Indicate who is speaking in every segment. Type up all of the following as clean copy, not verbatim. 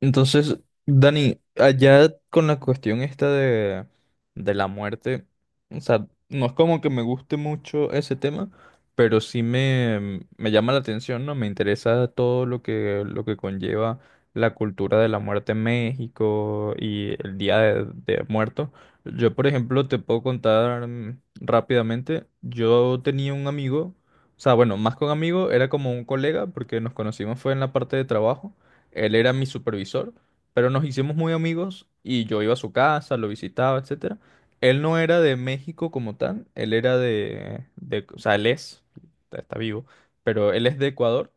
Speaker 1: Entonces, Dani, allá con la cuestión esta de la muerte, o sea, no es como que me guste mucho ese tema, pero sí me llama la atención, ¿no? Me interesa todo lo que conlleva la cultura de la muerte en México y el Día de Muertos. Yo, por ejemplo, te puedo contar rápidamente, yo tenía un amigo, o sea, bueno, más que un amigo, era como un colega, porque nos conocimos fue en la parte de trabajo. Él era mi supervisor, pero nos hicimos muy amigos y yo iba a su casa, lo visitaba, etcétera. Él no era de México como tal, él era de, o sea, él es, está vivo, pero él es de Ecuador,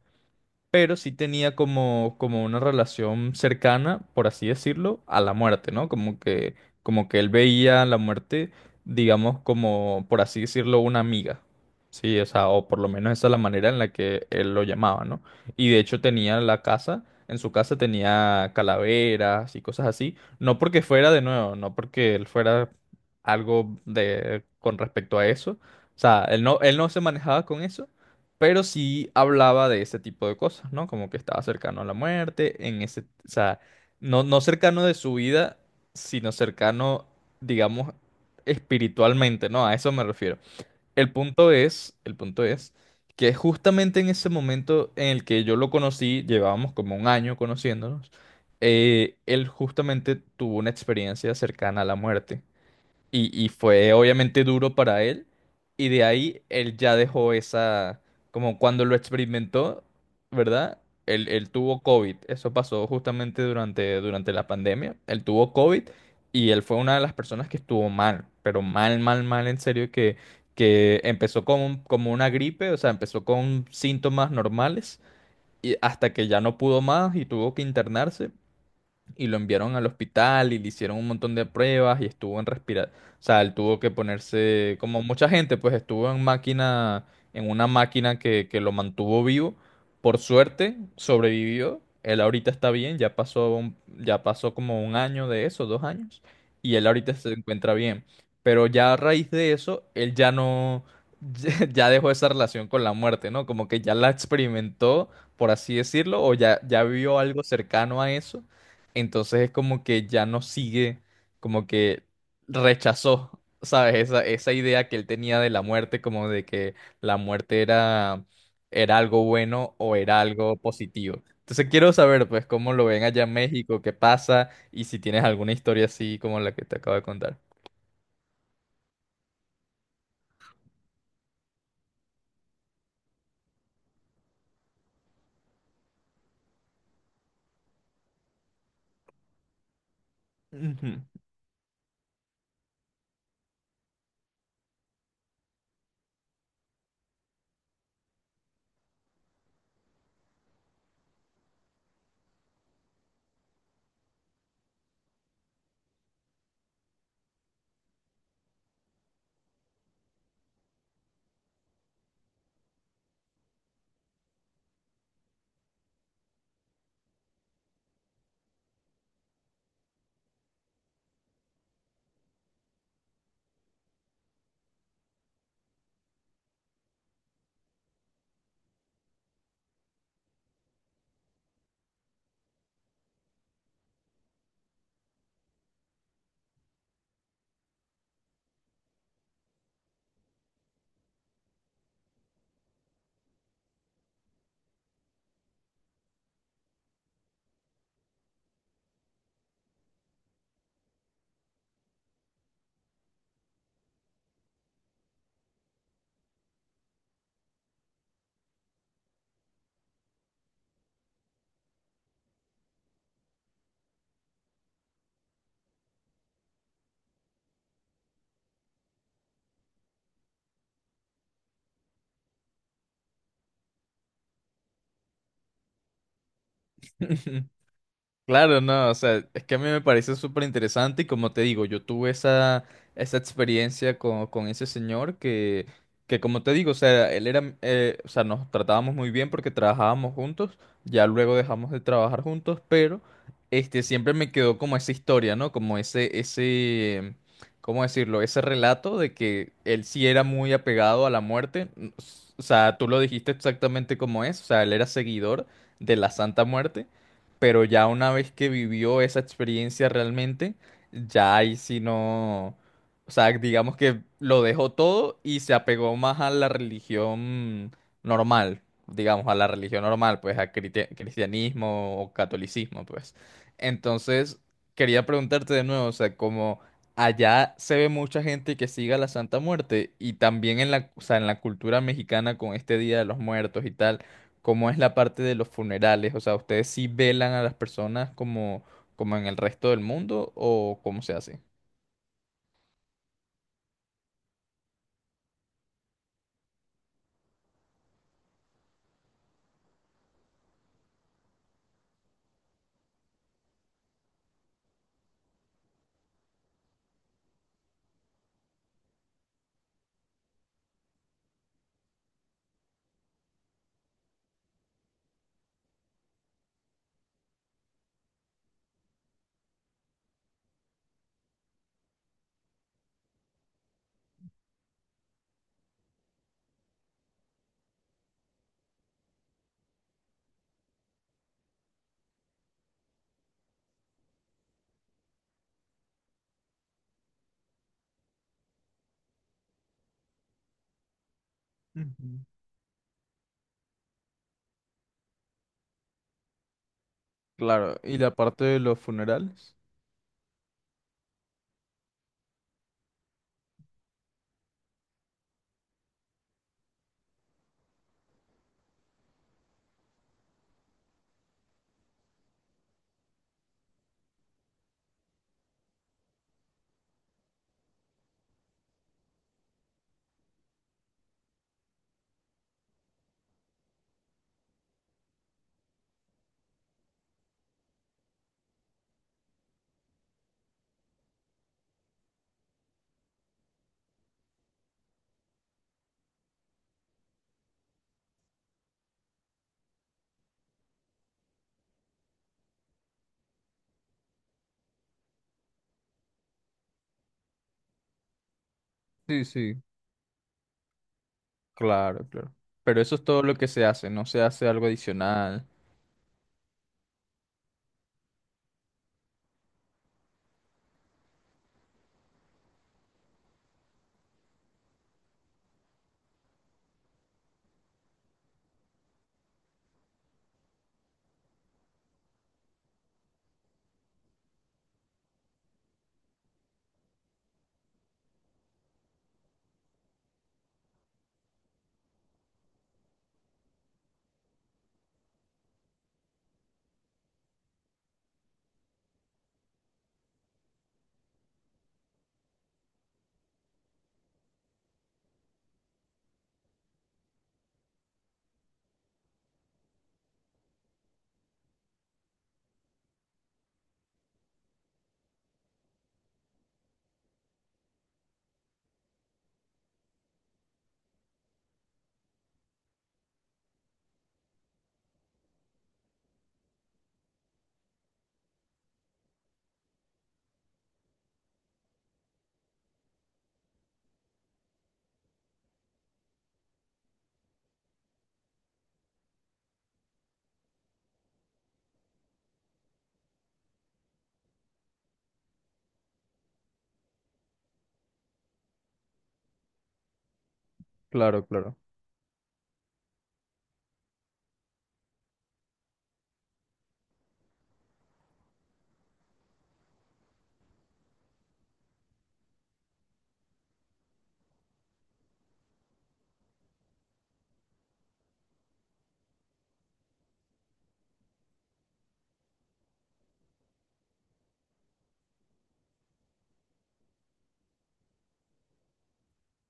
Speaker 1: pero sí tenía como, como una relación cercana, por así decirlo, a la muerte, ¿no? Como que él veía la muerte, digamos, como, por así decirlo, una amiga. Sí, o sea, o por lo menos esa es la manera en la que él lo llamaba, ¿no? Y de hecho tenía la casa, en su casa tenía calaveras y cosas así, no porque fuera de nuevo, no porque él fuera algo de con respecto a eso, o sea, él no se manejaba con eso, pero sí hablaba de ese tipo de cosas, ¿no? Como que estaba cercano a la muerte, en ese, o sea, no, no cercano de su vida, sino cercano, digamos, espiritualmente, ¿no? A eso me refiero. El punto es que justamente en ese momento en el que yo lo conocí, llevábamos como un año conociéndonos, él justamente tuvo una experiencia cercana a la muerte. Y fue obviamente duro para él. Y de ahí él ya dejó esa, como cuando lo experimentó, ¿verdad? Él tuvo COVID. Eso pasó justamente durante, durante la pandemia. Él tuvo COVID y él fue una de las personas que estuvo mal, pero mal, mal, mal, en serio, que empezó como, como una gripe, o sea, empezó con síntomas normales y hasta que ya no pudo más y tuvo que internarse y lo enviaron al hospital y le hicieron un montón de pruebas y estuvo en respirar, o sea, él tuvo que ponerse, como mucha gente, pues estuvo en máquina, en una máquina que lo mantuvo vivo. Por suerte, sobrevivió. Él ahorita está bien, ya pasó ya pasó como un año de eso, dos años, y él ahorita se encuentra bien. Pero ya a raíz de eso, él ya no, ya dejó esa relación con la muerte, ¿no? Como que ya la experimentó, por así decirlo, o ya, ya vio algo cercano a eso, entonces es como que ya no sigue, como que rechazó, ¿sabes? Esa idea que él tenía de la muerte, como de que la muerte era, era algo bueno o era algo positivo. Entonces quiero saber, pues, cómo lo ven allá en México, qué pasa y si tienes alguna historia así como la que te acabo de contar. Ujú. Claro, no, o sea, es que a mí me parece súper interesante y como te digo, yo tuve esa, esa experiencia con ese señor que como te digo, o sea, él era, o sea, nos tratábamos muy bien porque trabajábamos juntos, ya luego dejamos de trabajar juntos, pero este siempre me quedó como esa historia, ¿no? Como ese, ¿cómo decirlo? Ese relato de que él sí era muy apegado a la muerte, o sea, tú lo dijiste exactamente como es, o sea, él era seguidor de la Santa Muerte, pero ya una vez que vivió esa experiencia realmente, ya ahí sí no, o sea, digamos que lo dejó todo y se apegó más a la religión normal, digamos, a la religión normal, pues a cristianismo o catolicismo, pues. Entonces, quería preguntarte de nuevo, o sea, como allá se ve mucha gente que siga la Santa Muerte y también en la, o sea, en la cultura mexicana con este Día de los Muertos y tal, ¿cómo es la parte de los funerales? O sea, ¿ustedes sí velan a las personas como, como en el resto del mundo o cómo se hace? Ujú. Claro, ¿y la parte de los funerales? Sí, sí, claro, claro. Pero eso es todo lo que se hace, no se hace algo adicional. Claro, claro.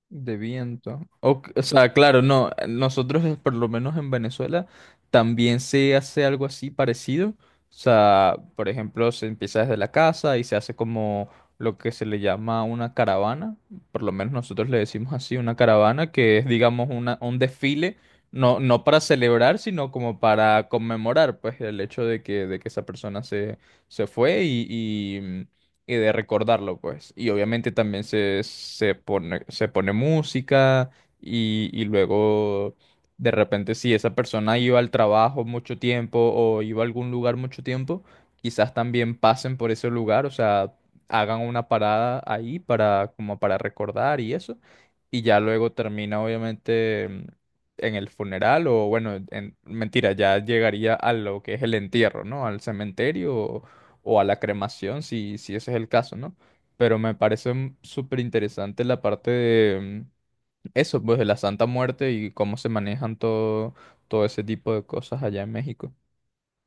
Speaker 1: De viento. O sea, claro, no, nosotros por lo menos en Venezuela también se hace algo así parecido. O sea, por ejemplo, se empieza desde la casa y se hace como lo que se le llama una caravana. Por lo menos nosotros le decimos así, una caravana, que es, digamos, una, un desfile, no, no para celebrar, sino como para conmemorar, pues, el hecho de que esa persona se, se fue y de recordarlo, pues. Y obviamente también se, se pone música y luego de repente si esa persona iba al trabajo mucho tiempo o iba a algún lugar mucho tiempo, quizás también pasen por ese lugar, o sea, hagan una parada ahí para como para recordar y eso. Y ya luego termina obviamente en el funeral o bueno, en, mentira, ya llegaría a lo que es el entierro, ¿no? Al cementerio o a la cremación, si, si ese es el caso, ¿no? Pero me parece súper interesante la parte de eso, pues de la Santa Muerte y cómo se manejan todo, todo ese tipo de cosas allá en México.